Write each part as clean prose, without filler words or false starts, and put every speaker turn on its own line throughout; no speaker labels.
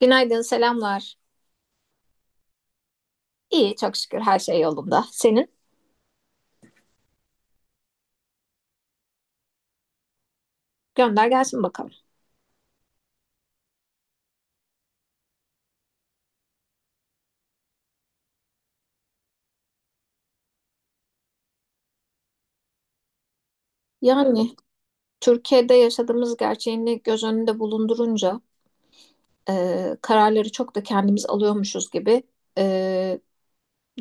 Günaydın, selamlar. İyi, çok şükür her şey yolunda. Senin? Gönder gelsin bakalım. Yani Türkiye'de yaşadığımız gerçeğini göz önünde bulundurunca kararları çok da kendimiz alıyormuşuz gibi e,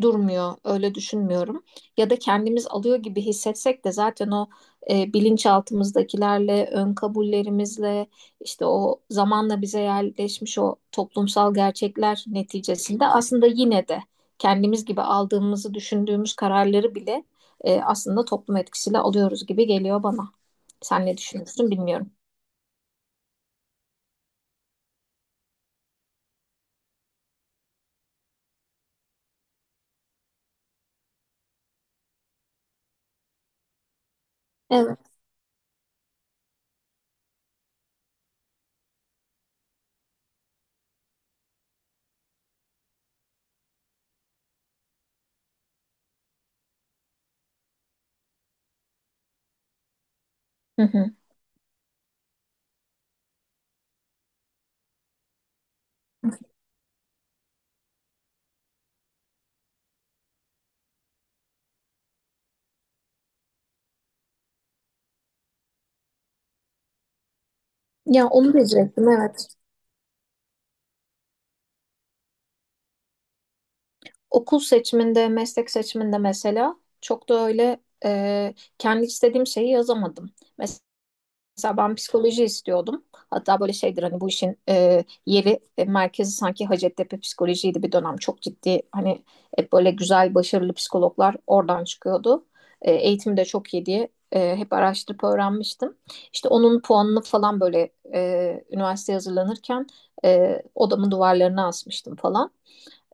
durmuyor. Öyle düşünmüyorum. Ya da kendimiz alıyor gibi hissetsek de zaten o bilinçaltımızdakilerle, ön kabullerimizle, işte o zamanla bize yerleşmiş o toplumsal gerçekler neticesinde aslında yine de kendimiz gibi aldığımızı düşündüğümüz kararları bile aslında toplum etkisiyle alıyoruz gibi geliyor bana. Sen ne düşünüyorsun bilmiyorum. Evet. Hı hı. Ya onu diyecektim, evet. Okul seçiminde, meslek seçiminde mesela çok da öyle kendi istediğim şeyi yazamadım. Mesela ben psikoloji istiyordum. Hatta böyle şeydir, hani bu işin yeri, merkezi sanki Hacettepe psikolojiydi bir dönem. Çok ciddi, hani hep böyle güzel, başarılı psikologlar oradan çıkıyordu. Eğitimi de çok iyi diye hep araştırıp öğrenmiştim. İşte onun puanını falan böyle üniversiteye hazırlanırken odamın duvarlarına asmıştım falan.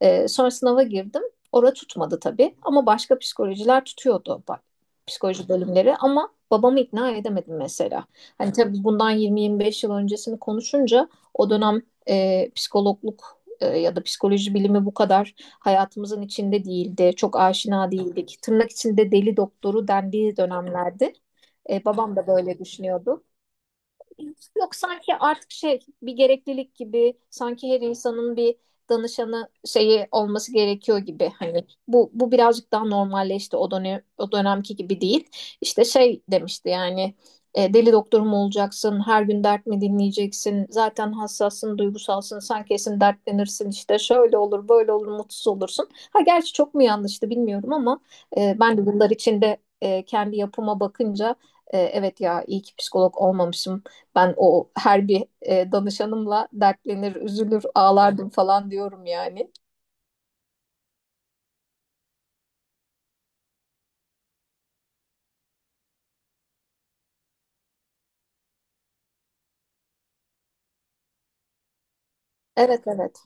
Sonra sınava girdim. Orada tutmadı tabii, ama başka psikolojiler tutuyordu. Bak, psikoloji bölümleri, ama babamı ikna edemedim mesela. Hani tabii bundan 20-25 yıl öncesini konuşunca o dönem psikologluk ya da psikoloji bilimi bu kadar hayatımızın içinde değildi. Çok aşina değildik. Tırnak içinde deli doktoru dendiği dönemlerdi. Babam da böyle düşünüyordu. Yok, sanki artık şey, bir gereklilik gibi, sanki her insanın bir danışanı şeyi olması gerekiyor gibi. Hani bu birazcık daha normalleşti, o dönem o dönemki gibi değil. İşte şey demişti yani, deli doktor mu olacaksın, her gün dert mi dinleyeceksin, zaten hassassın, duygusalsın, sen kesin dertlenirsin, işte şöyle olur, böyle olur, mutsuz olursun. Ha, gerçi çok mu yanlıştı, bilmiyorum, ama ben de bunlar içinde kendi yapıma bakınca, evet ya, iyi ki psikolog olmamışım, ben o her bir danışanımla dertlenir, üzülür, ağlardım falan diyorum yani. Evet, evet.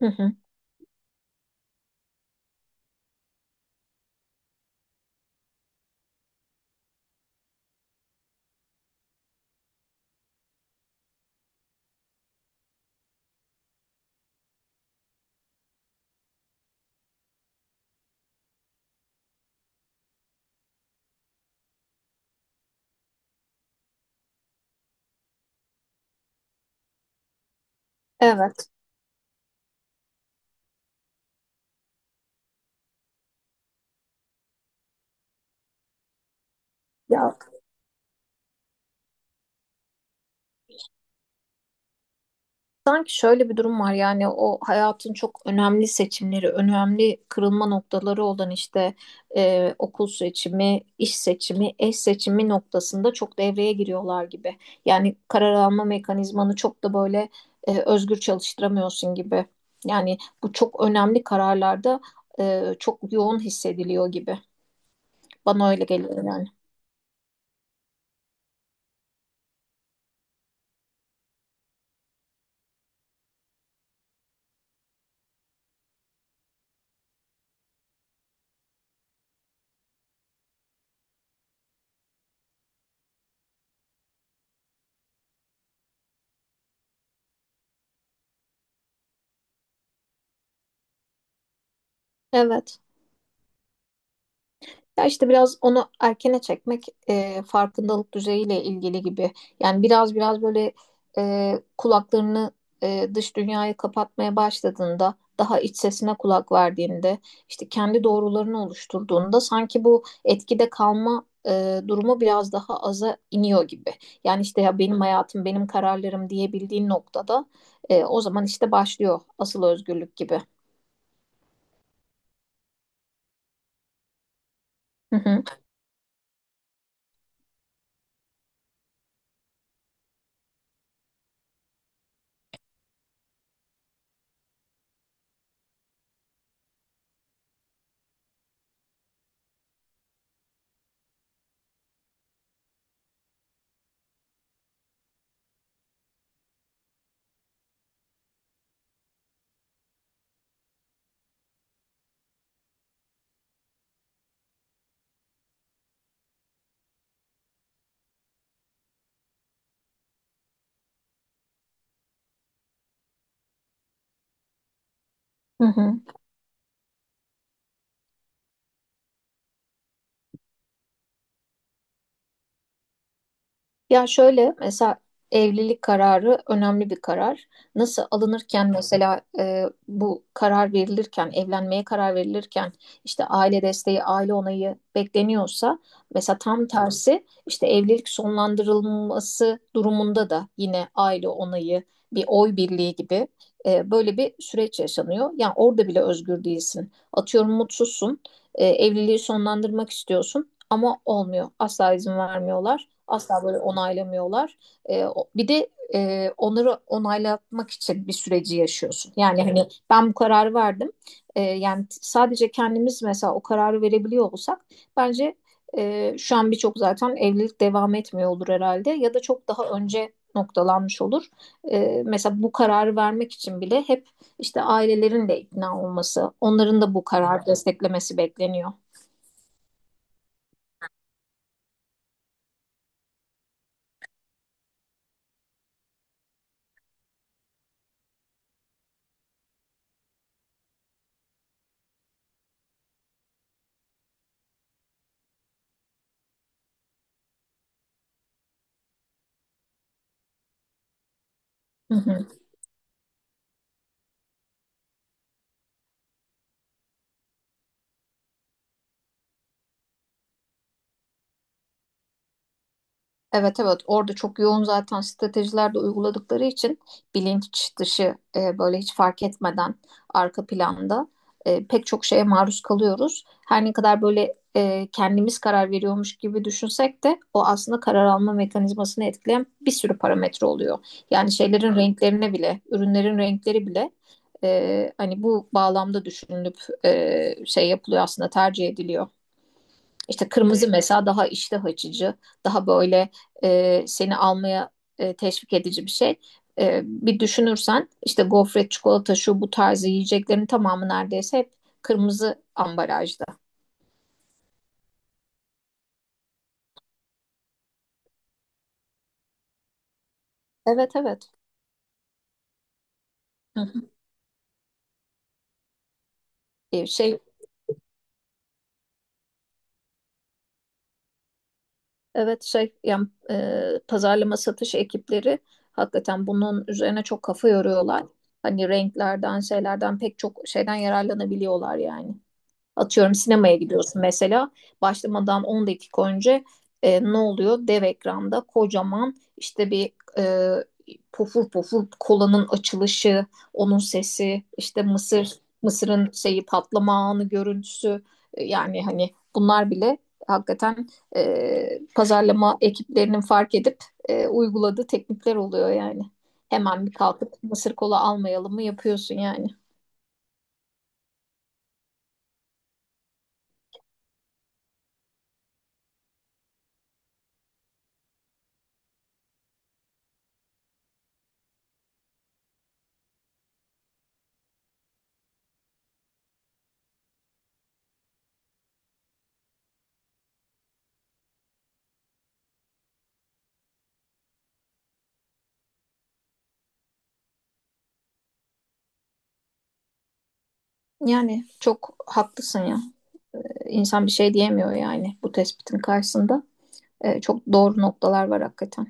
Hı hı. Evet. Ya, sanki şöyle bir durum var yani, o hayatın çok önemli seçimleri, önemli kırılma noktaları olan işte okul seçimi, iş seçimi, eş seçimi noktasında çok devreye giriyorlar gibi. Yani karar alma mekanizmanı çok da böyle özgür çalıştıramıyorsun gibi. Yani bu çok önemli kararlarda çok yoğun hissediliyor gibi. Bana öyle geliyor yani. Evet. Ya işte biraz onu erkene çekmek farkındalık düzeyiyle ilgili gibi. Yani biraz biraz böyle kulaklarını dış dünyaya kapatmaya başladığında, daha iç sesine kulak verdiğinde, işte kendi doğrularını oluşturduğunda sanki bu etkide kalma durumu biraz daha aza iniyor gibi. Yani işte ya, benim hayatım, benim kararlarım diyebildiğin noktada o zaman işte başlıyor asıl özgürlük gibi. Hı hı. Hı hı. Ya şöyle mesela, evlilik kararı önemli bir karar. Nasıl, alınırken mesela bu karar verilirken, evlenmeye karar verilirken işte aile desteği, aile onayı bekleniyorsa, mesela tam tersi, işte evlilik sonlandırılması durumunda da yine aile onayı, bir oy birliği gibi böyle bir süreç yaşanıyor. Yani orada bile özgür değilsin. Atıyorum, mutsuzsun, evliliği sonlandırmak istiyorsun, ama olmuyor. Asla izin vermiyorlar. Asla böyle onaylamıyorlar. Bir de onları onaylatmak için bir süreci yaşıyorsun. Yani hani ben bu kararı verdim. Yani sadece kendimiz mesela o kararı verebiliyor olsak, bence şu an birçok zaten evlilik devam etmiyor olur herhalde, ya da çok daha önce noktalanmış olur. Mesela bu kararı vermek için bile hep işte ailelerin de ikna olması, onların da bu kararı desteklemesi bekleniyor. Hı hı. Evet, evet, orada çok yoğun zaten stratejiler de uyguladıkları için, bilinç dışı böyle hiç fark etmeden arka planda pek çok şeye maruz kalıyoruz. Her ne kadar böyle kendimiz karar veriyormuş gibi düşünsek de, o aslında karar alma mekanizmasını etkileyen bir sürü parametre oluyor. Yani şeylerin renklerine bile, ürünlerin renkleri bile hani bu bağlamda düşünülüp şey yapılıyor, aslında tercih ediliyor. İşte kırmızı mesela daha iştah açıcı, daha böyle seni almaya teşvik edici bir şey. Bir düşünürsen işte gofret, çikolata, şu bu tarzı yiyeceklerin tamamı neredeyse hep kırmızı ambalajda. Evet, evet. Hı hı. Şey evet, şey yani, pazarlama satış ekipleri hakikaten bunun üzerine çok kafa yoruyorlar. Hani renklerden, şeylerden, pek çok şeyden yararlanabiliyorlar yani. Atıyorum, sinemaya gidiyorsun mesela. Başlamadan 10 dakika önce ne oluyor? Dev ekranda kocaman, işte bir pofur pofur kolanın açılışı, onun sesi, işte mısır, mısırın şeyi, patlama anı görüntüsü. Yani hani bunlar bile hakikaten pazarlama ekiplerinin fark edip uyguladığı teknikler oluyor yani. Hemen, bir kalkıp mısır kola almayalım mı, yapıyorsun yani. Yani çok haklısın ya. İnsan bir şey diyemiyor yani bu tespitin karşısında. Çok doğru noktalar var hakikaten.